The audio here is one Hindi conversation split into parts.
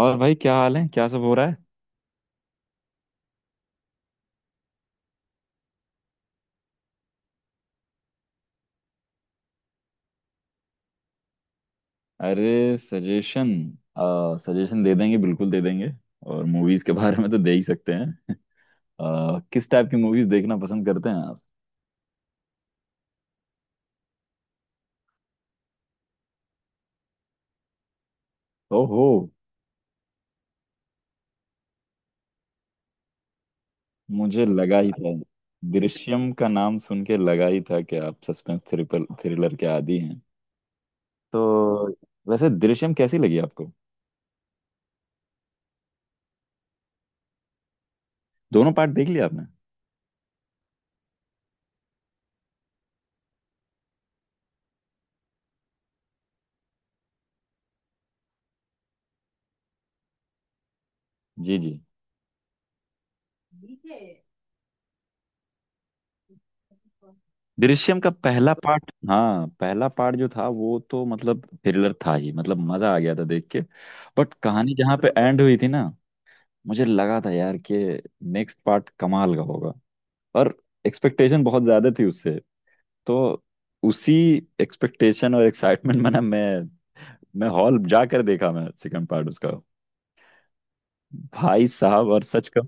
और भाई, क्या हाल है? क्या सब हो रहा है? अरे, सजेशन। सजेशन दे देंगे, बिल्कुल दे देंगे। और मूवीज के बारे में तो दे ही सकते हैं। किस टाइप की मूवीज देखना पसंद करते हैं आप? ओहो, मुझे लगा ही था। दृश्यम का नाम सुन के लगा ही था कि आप सस्पेंस थ्रिपल थ्रिलर के आदी हैं, तो। वैसे दृश्यम कैसी लगी आपको? दोनों पार्ट देख लिया आपने? जी, जी। दृश्यम का पहला पार्ट, हाँ पहला पार्ट जो था वो तो मतलब थ्रिलर था ही, मतलब मजा आ गया था देख के। बट कहानी जहाँ पे एंड हुई थी ना, मुझे लगा था यार कि नेक्स्ट पार्ट कमाल का होगा। और एक्सपेक्टेशन बहुत ज्यादा थी उससे। तो उसी एक्सपेक्टेशन और एक्साइटमेंट में ना मैं हॉल जाकर देखा, मैं सेकंड पार्ट उसका। भाई साहब, और सच का,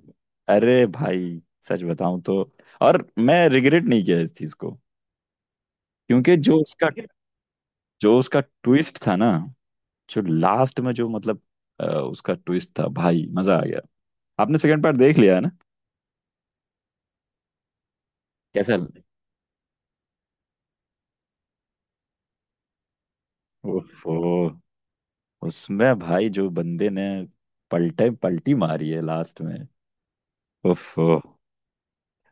अरे भाई, सच बताऊं तो और मैं रिग्रेट नहीं किया इस चीज को। क्योंकि जो उसका ट्विस्ट था ना, जो लास्ट में जो मतलब उसका ट्विस्ट था, भाई मजा आ गया। आपने सेकंड पार्ट देख लिया है ना? कैसा? ओफो। उसमें भाई जो बंदे ने पलटे पलटी मारी है लास्ट में, ओफो।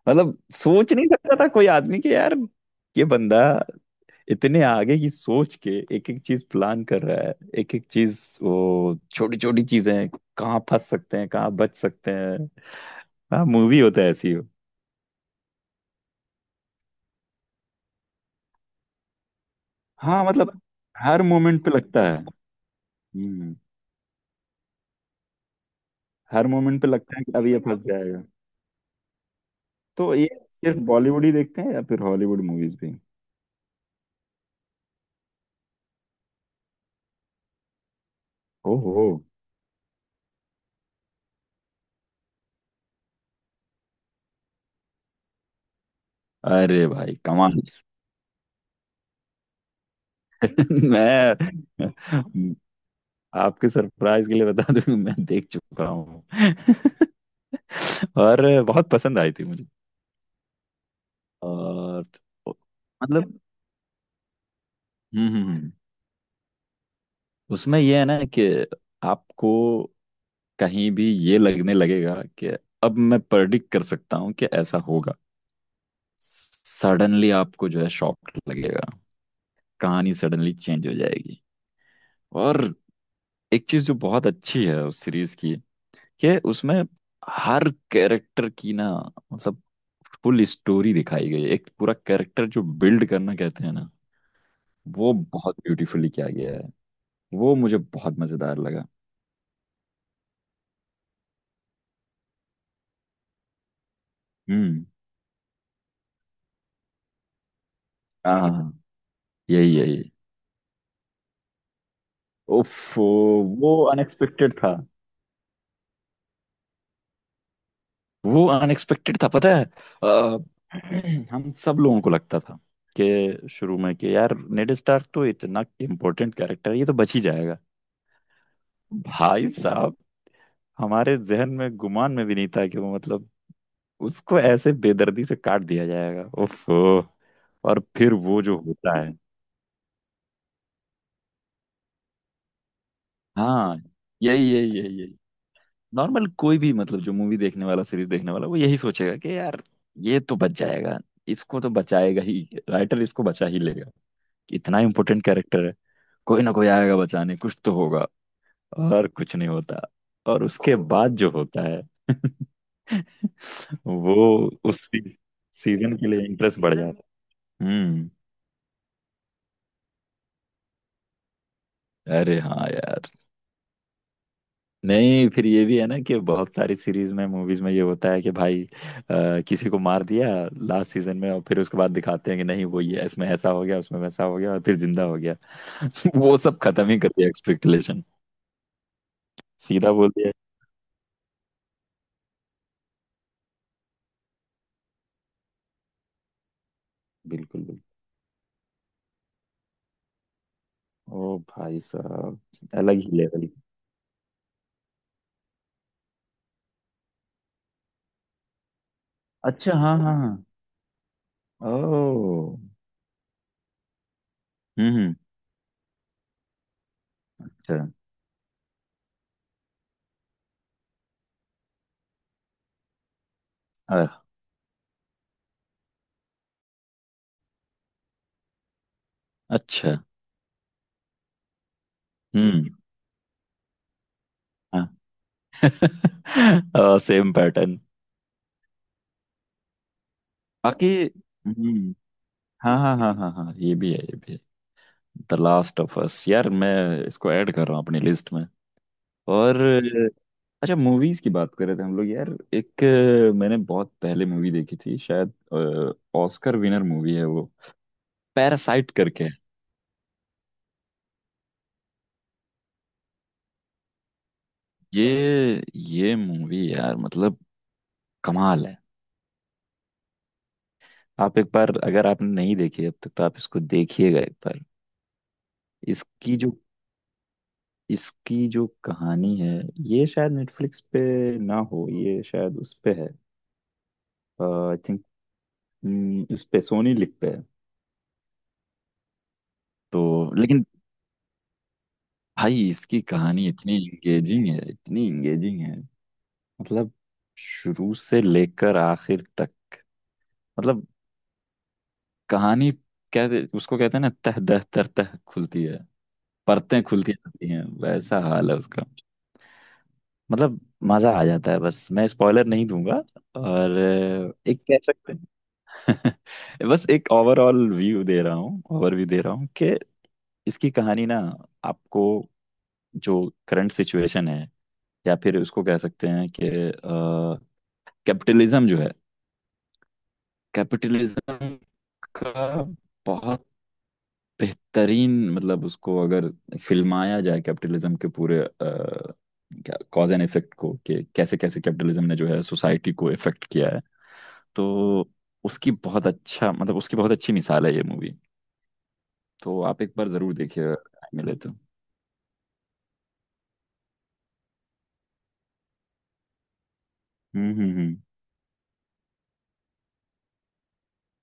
मतलब सोच नहीं सकता था कोई आदमी कि यार, ये बंदा इतने आगे की सोच के एक एक चीज प्लान कर रहा है। एक एक चीज, वो छोटी छोटी चीजें, कहाँ फंस सकते हैं, कहाँ बच सकते हैं। हाँ, मूवी होता है ऐसी। हाँ मतलब, हर मोमेंट पे लगता है। हम्म। हर मोमेंट पे लगता है कि अब ये फंस जाएगा। तो ये सिर्फ बॉलीवुड ही देखते हैं या फिर हॉलीवुड मूवीज भी? ओहो। अरे भाई, कमाल मैं, आपके सरप्राइज के लिए बता दूं, मैं देख चुका हूँ और बहुत पसंद आई थी मुझे। और मतलब। हम्म हम्म, हम्म। उसमें ये है ना कि आपको कहीं भी ये लगने लगेगा कि अब मैं प्रेडिक्ट कर सकता हूँ कि ऐसा होगा। सडनली आपको जो है शॉक लगेगा, कहानी सडनली चेंज हो जाएगी। और एक चीज जो बहुत अच्छी है उस सीरीज की, कि उसमें हर कैरेक्टर की ना, मतलब फुल स्टोरी दिखाई गई है। एक पूरा कैरेक्टर जो बिल्ड करना कहते हैं ना, वो बहुत ब्यूटीफुली किया गया है। वो मुझे बहुत मजेदार लगा। हम्म। हाँ हाँ, हाँ। यही यही। उफ, वो अनएक्सपेक्टेड था। वो अनएक्सपेक्टेड था, पता है। अ, हम सब लोगों को लगता था कि शुरू में, कि यार नेड स्टार्क तो इतना इम्पोर्टेंट कैरेक्टर है, ये तो बच ही जाएगा। भाई साहब, हमारे जहन में गुमान में भी नहीं था कि वो मतलब, उसको ऐसे बेदर्दी से काट दिया जाएगा। ओफो। और फिर वो जो होता है। हाँ। यही, यही, यही, यही। नॉर्मल कोई भी मतलब, जो मूवी देखने वाला सीरीज देखने वाला, वो यही सोचेगा कि यार, ये तो बच जाएगा, इसको तो बचाएगा ही, राइटर इसको बचा ही लेगा। इतना इम्पोर्टेंट कैरेक्टर है, कोई ना कोई आएगा बचाने, कुछ तो होगा। और कुछ नहीं होता। और उसके बाद जो होता है वो। उस सीजन के लिए इंटरेस्ट बढ़ जाता है। हम्म। अरे हाँ यार। नहीं, फिर ये भी है ना कि बहुत सारी सीरीज में, मूवीज में ये होता है कि भाई, किसी को मार दिया लास्ट सीजन में, और फिर उसके बाद दिखाते हैं कि नहीं वो, ये इसमें ऐसा हो गया उसमें वैसा हो गया और फिर जिंदा हो गया। वो सब खत्म ही कर दिया एक्सपेक्टेशन, सीधा बोल दिया। बिल्कुल बिल्कुल। ओ भाई साहब, अलग ही लेवल। अच्छा हाँ हाँ हाँ। ओ। हम्म। अच्छा। अ- अच्छा। हम्म। हाँ सेम पैटर्न। बाकी। हम्म। हाँ हाँ हाँ हाँ हाँ, ये भी है, ये भी है। द लास्ट ऑफ अस यार, मैं इसको ऐड कर रहा हूँ अपनी लिस्ट में। और अच्छा, मूवीज की बात कर रहे थे हम लोग यार। एक, मैंने बहुत पहले मूवी देखी थी शायद, ऑस्कर विनर मूवी है वो, पैरासाइट करके। ये मूवी यार, मतलब कमाल है। आप एक बार, अगर आपने नहीं देखी अब तक, तो आप इसको देखिएगा एक बार। इसकी जो इसकी जो कहानी है, ये शायद नेटफ्लिक्स पे ना हो, ये शायद उस पे है, आई थिंक, इस पे सोनी लिक पे है। तो लेकिन भाई, इसकी कहानी इतनी इंगेजिंग है, इतनी इंगेजिंग है। मतलब शुरू से लेकर आखिर तक, मतलब कहानी, कहते उसको कहते हैं ना, तह दह तर तह खुलती है। परतें खुलती जाती हैं, वैसा हाल है उसका। मतलब मजा आ जाता है, बस मैं स्पॉइलर नहीं दूंगा। और एक कह सकते हैं बस एक ओवरऑल व्यू दे रहा हूँ, ओवरव्यू दे रहा हूँ, कि इसकी कहानी ना, आपको जो करंट सिचुएशन है, या फिर उसको कह सकते हैं कि कैपिटलिज्म जो है, कैपिटलिज्म का बहुत बेहतरीन, मतलब उसको अगर फिल्माया जाए कैपिटलिज्म के पूरे क्या कॉज एंड इफेक्ट को, कि कैसे कैसे कैपिटलिज्म ने जो है सोसाइटी को इफेक्ट किया है। तो उसकी बहुत अच्छा, मतलब उसकी बहुत अच्छी मिसाल है ये मूवी। तो आप एक बार जरूर देखिएगा time मिले तो। हम्म।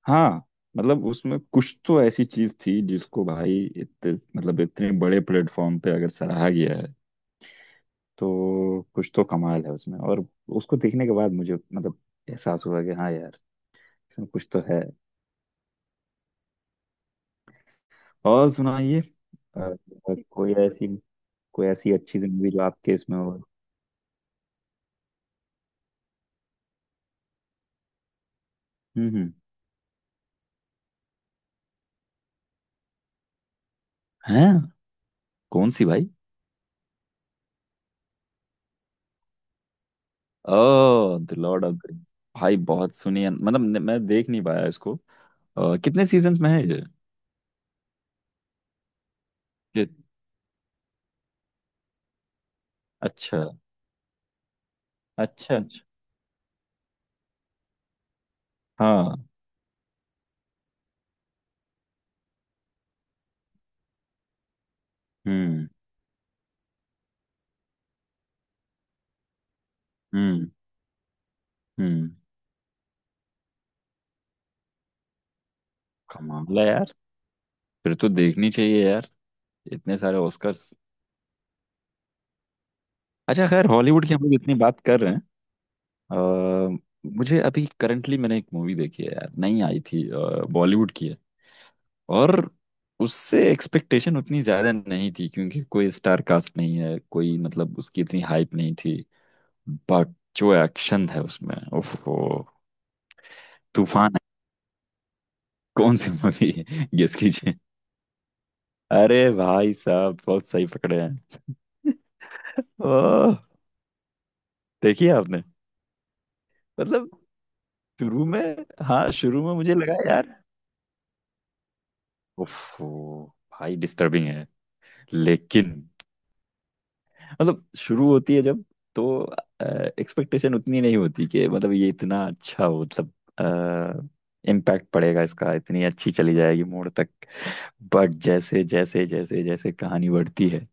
हाँ मतलब, उसमें कुछ तो ऐसी चीज थी जिसको भाई, इतने मतलब इतने बड़े प्लेटफॉर्म पे अगर सराहा गया है, तो कुछ तो कमाल है उसमें। और उसको देखने के बाद मुझे, मतलब एहसास हुआ कि हाँ यार, इसमें कुछ तो है। और सुनाइए, अ, अ, कोई ऐसी कोई ऐसी अच्छी सी मूवी जो आपके इसमें हो। हम्म हम्म। हैं? कौन सी भाई? ओह, the Lord of the Rings. भाई बहुत सुनी है, मतलब मैं देख नहीं पाया इसको। कितने सीजन्स में है ये? कि- अच्छा, अच्छा अच्छा। हाँ। हम्म हम्म हम्म। कमाल है यार, फिर तो देखनी चाहिए यार, इतने सारे ऑस्कर्स। अच्छा खैर, हॉलीवुड की हम लोग इतनी बात कर रहे हैं। अ, मुझे अभी करंटली मैंने एक मूवी देखी है यार, नहीं आई थी, बॉलीवुड की है। और उससे एक्सपेक्टेशन उतनी ज्यादा नहीं थी, क्योंकि कोई स्टार कास्ट नहीं है कोई, मतलब उसकी इतनी हाइप नहीं थी। बट जो एक्शन है उसमें, ओफो, तूफान है। कौन सी मूवी है? गेस कीजिए। अरे भाई साहब, बहुत सही पकड़े हैं। ओह, देखिए आपने। मतलब शुरू में, हाँ शुरू में मुझे लगा यार, ओफो। भाई डिस्टर्बिंग है, लेकिन मतलब शुरू होती है जब, तो एक्सपेक्टेशन उतनी नहीं होती कि मतलब ये इतना अच्छा हो, मतलब इम्पैक्ट पड़ेगा इसका, इतनी अच्छी चली जाएगी मोड़ तक। बट जैसे जैसे जैसे जैसे कहानी बढ़ती है,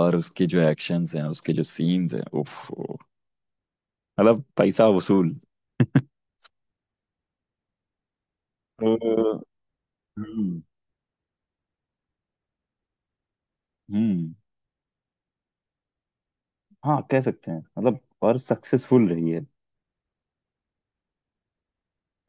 और उसके जो एक्शंस हैं, उसके जो सीन्स हैं उफ, मतलब पैसा वसूल। तो। हम्म हम्म। हाँ कह सकते हैं मतलब, और सक्सेसफुल रही है।